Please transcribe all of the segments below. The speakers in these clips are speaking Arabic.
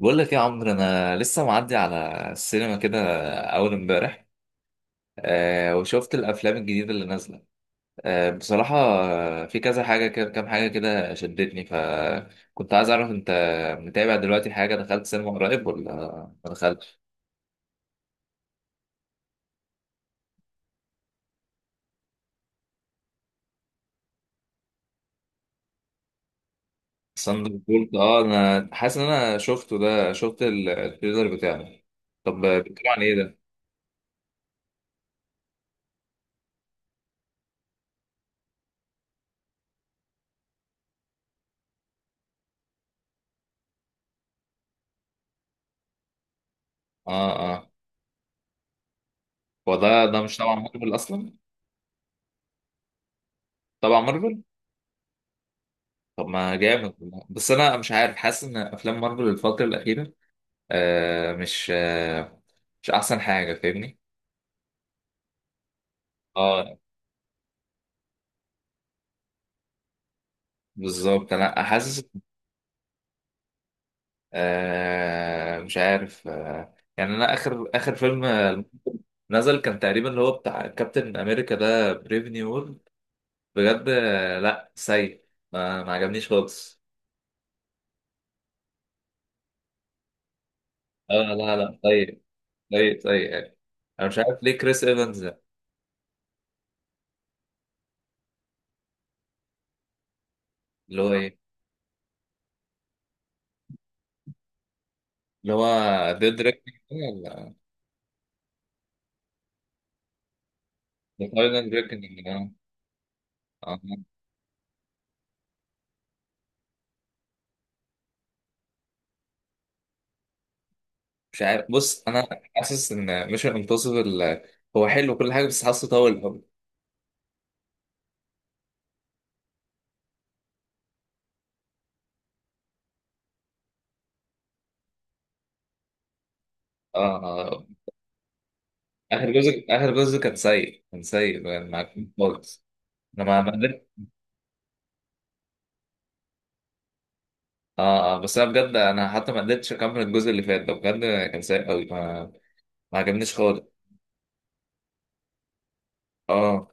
بقول لك يا عمرو انا لسه معدي على السينما كده اول امبارح. آه، وشفت الافلام الجديده اللي نازله. آه بصراحه، في كذا حاجه كده، كام حاجه كده شدتني، فكنت عايز اعرف انت متابع دلوقتي، حاجه دخلت سينما قريب ولا ما دخلتش؟ ساندر بولت، اه انا حاسس ان انا شفته ده، شفت التريلر بتاعه. طب بيتكلم عن ايه ده؟ اه اه. هو ده مش تبع مارفل اصلا؟ تبع مارفل. طب ما جامد والله. بس انا مش عارف، حاسس ان افلام مارفل الفتره الاخيره مش مش احسن حاجه، فاهمني؟ اه بالظبط انا حاسس. مش عارف، آه يعني انا اخر فيلم نزل كان تقريبا اللي هو بتاع كابتن امريكا ده، بريف نيو وورلد. بجد آه، لا سيء. ما عجبنيش خالص. اه لا لا سيء، سيء سيء يعني. انا مش عارف ليه كريس ايفنز ده، اللي هو ايه اللي هو ذا ديريكتنج ولا ذا فاينل ديريكتنج؟ مش عارف. بص انا حاسس ان ميشن امبوسيبل هو حلو كل حاجه، بس حاسه طول قوي. اه آه. اخر جزء، كان سيء، كان سيء. معاك خالص. انا ما قدرت. اه آه، بس انا بجد، انا حتى ما قدرتش اكمل الجزء اللي فات ده بجد. كان سيء قوي، ما عجبنيش خالص. اه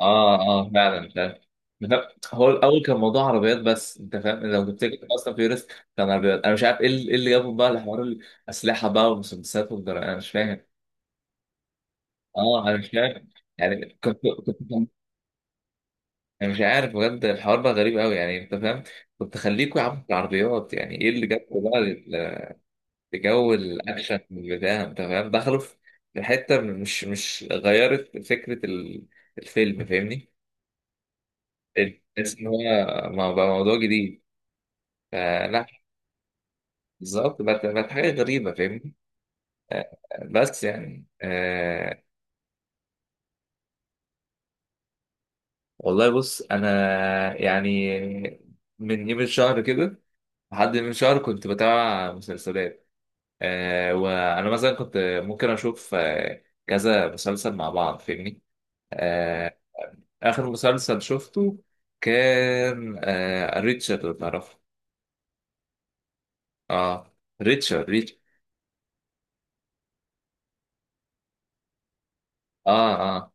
اه. اه فعلا فعلا. لا، هو الاول كان موضوع عربيات، بس انت فاهم لو تفتكر اصلا فيوريوس كان عربيات. انا مش عارف ايه اللي إيه اللي جابهم بقى لحوار الاسلحه بقى والمسدسات والجرائم، انا مش فاهم. اه انا مش عارف، يعني كنت انا مش عارف بجد، الحوار بقى غريب قوي يعني، انت فاهم؟ كنت خليكوا يا عم في العربيات، يعني ايه اللي جابكوا بقى لجو الاكشن بتاع، انت فاهم، دخلوا في في حته مش غيرت فكره الفيلم، فاهمني؟ تحس ان هو بقى موضوع جديد، فلا. بالظبط، بقت حاجه غريبه، فاهمني؟ آه، بس يعني آه، والله بص انا يعني من يوم الشهر كده، لحد من شهر كنت بتابع مسلسلات. آه وانا مثلا كنت ممكن اشوف آه كذا مسلسل مع بعض، فاهمني؟ آه اخر مسلسل شفته كان آه ريتشارد، لو تعرفه. اه ريتشارد، ريتشارد. اه اه.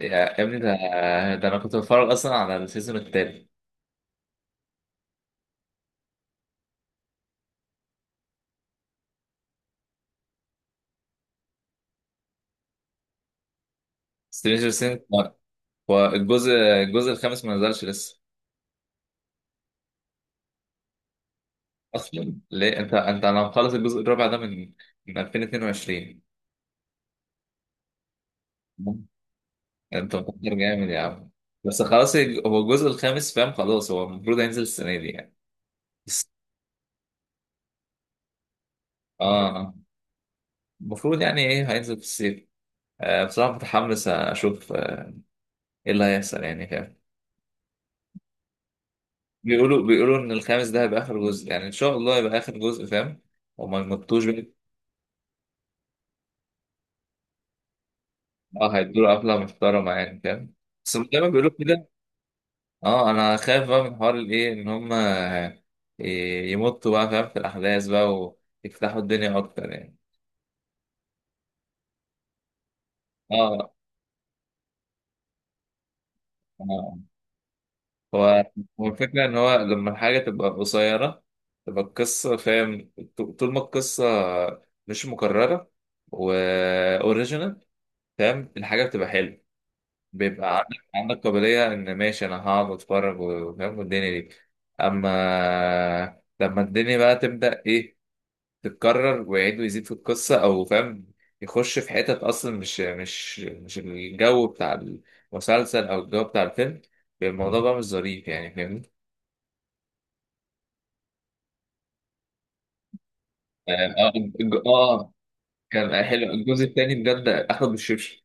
يا ابني ده، ده انا كنت بتفرج اصلا على السيزون التاني. سترينجر سينج، والجزء الخامس ما نزلش لسه؟ اصلا ليه انت انا مخلص الجزء الرابع ده من 2022. انت مقدر جامد يا عم. بس خلاص هو الجزء الخامس، فاهم؟ خلاص، هو المفروض هينزل السنه دي يعني، بس- اه المفروض. يعني ايه، هينزل في الصيف. آه بصراحه متحمس اشوف آه، ايه اللي هيحصل يعني، فاهم؟ بيقولوا ان الخامس ده هيبقى اخر جزء، يعني ان شاء الله هيبقى اخر جزء، فاهم؟ وما يمطوش بقى. اه هيدوا قفله محترمه يعني، فاهم؟ بس زي ما بيقولوا كده. اه انا خايف بقى من حوار الايه، ان هم آه، يمطوا بقى، فاهم؟ في الاحداث بقى ويفتحوا الدنيا اكتر يعني. اه آه. هو هو الفكرة إن هو لما الحاجة تبقى قصيرة، تبقى القصة فاهم. طول ما القصة مش مكررة وأوريجينال، فاهم؟ الحاجة بتبقى حلوة، بيبقى عندك قابلية إن ماشي أنا هقعد وأتفرج، وفاهم والدنيا دي. أما لما الدنيا بقى تبدأ إيه، تتكرر ويعيد ويزيد في القصة، أو فاهم يخش في حتت أصلا مش مش الجو بتاع المسلسل أو الجو بتاع الفيلم، الموضوع بقى مش ظريف يعني، فاهمني؟ اه آه، كان حلو. الجزء الثاني بجد اخد بالشبشب،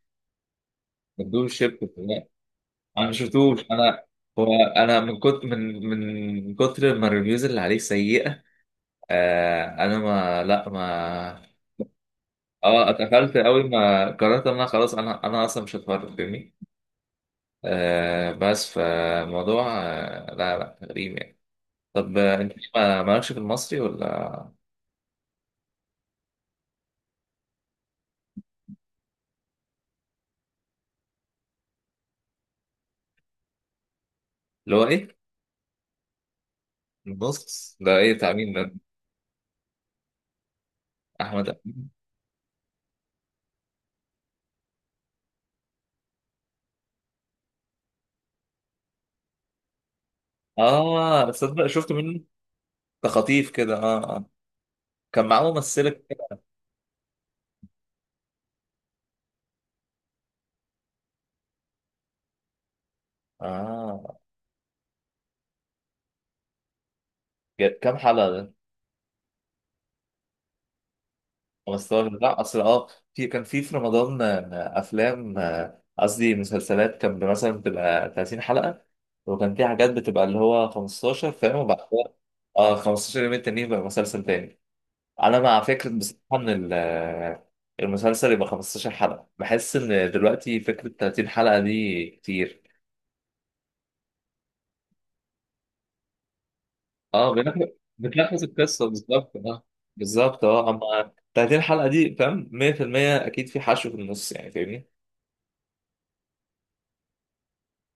مدوه الشبشب. لا، انا ما شفتوش انا. هو انا من كتر من كتر ما الريفيوز اللي عليه سيئه، انا ما. اه اتقفلت قوي، ما قررت ان انا خلاص، انا اصلا مش هتفرج، فاهمني؟ آه بس فالموضوع آه لا لا غريب يعني. طب آه، انت ما مالكش في المصري ولا؟ اللي هو ايه؟ النص ده ايه، بتاع مين ده؟ احمد أمين؟ اه تصدق شفت منه، ده خطيف كده. اه اه. كان معاه ممثلة كده. اه كام حلقة ده؟ 15؟ لا اصل اه في كان في في رمضان آه، افلام آه، قصدي مسلسلات كان مثلا بتبقى 30 حلقة، وكان في حاجات بتبقى اللي هو 15، فاهم؟ وبعد كده اه 15 يوم التانيين بقى مسلسل تاني. انا مع فكرة بصراحة ان آه، المسلسل يبقى 15 حلقة، بحس ان دلوقتي فكرة 30 حلقة دي كتير. اه بنخلص، بتلخص القصه بالظبط، اه بالظبط. اه اما 30 حلقه دي فاهم 100% اكيد في حشو في النص، يعني فاهمني؟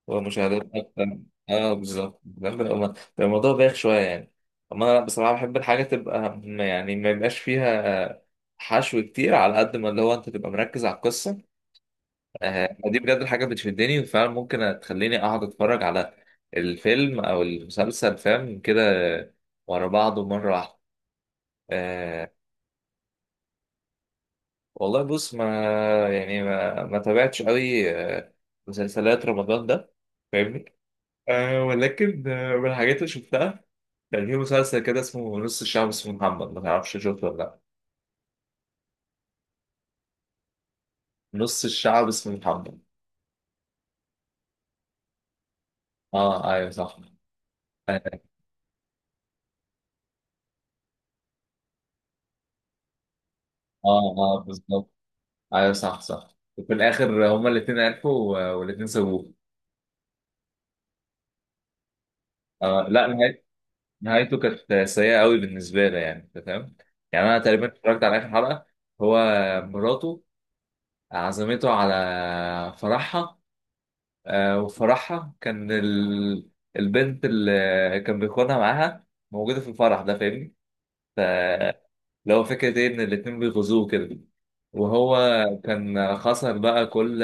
ومشاهدات اكتر. اه بالظبط، فاهم؟ بيبقى الموضوع بايخ شويه يعني. اما انا بصراحه بحب الحاجه تبقى يعني ما يبقاش فيها حشو كتير، على قد ما اللي هو انت تبقى مركز على القصه. آه دي بجد الحاجه بتشدني، وفعلا ممكن تخليني اقعد اتفرج على الفيلم او المسلسل فاهم كده، ورا بعضه مره واحده. آه، والله بص ما يعني ما تابعتش قوي آه، مسلسلات رمضان ده، فاهمني؟ أه ولكن آه، من الحاجات اللي شفتها، كان في مسلسل كده اسمه نص الشعب اسمه محمد، ما تعرفش شفته ولا لا؟ نص الشعب اسمه محمد. اه ايوه صح. اه اه آه، بالظبط. ايوه صح صح، وفي الاخر هما الاثنين عرفوا والاثنين سابوه. آه لا نهايته كانت سيئة قوي بالنسبة لي، يعني انت فاهم؟ يعني انا تقريبا اتفرجت على اخر حلقة. هو مراته عزمته على فرحها، آه، وفرحها كان ال... البنت اللي كان بيخونها معاها موجودة في الفرح ده، فاهمني؟ فاللي هو فكرة ايه، ان الاتنين بيغزوه كده، وهو كان خسر بقى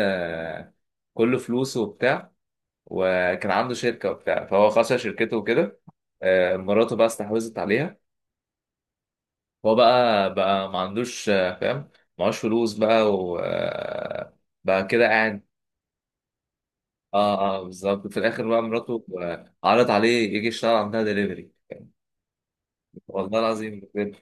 كل فلوسه وبتاع، وكان عنده شركة وبتاع، فهو خسر شركته وكده. آه، مراته بقى استحوذت عليها. هو بقى ما عندوش آه، فاهم، معهوش فلوس بقى و آه، بقى كده قاعد. اه اه بالظبط. في الاخر بقى مراته آه، عرض عليه يجي يشتغل عندها دليفري. والله العظيم بجد.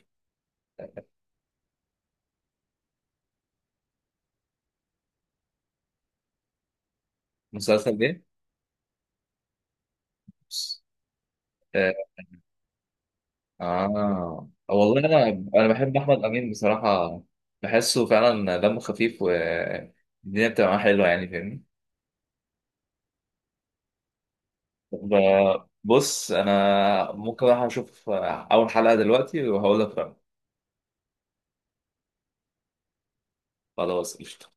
مسلسل ايه؟ آه, اه والله انا بحب احمد امين بصراحه، بحسه فعلا دمه خفيف والدنيا بتبقى معاه حلوه يعني، فاهمني؟ بص انا ممكن اروح اشوف اول حلقه دلوقتي وهقول لك رأيي. خلاص قشطة.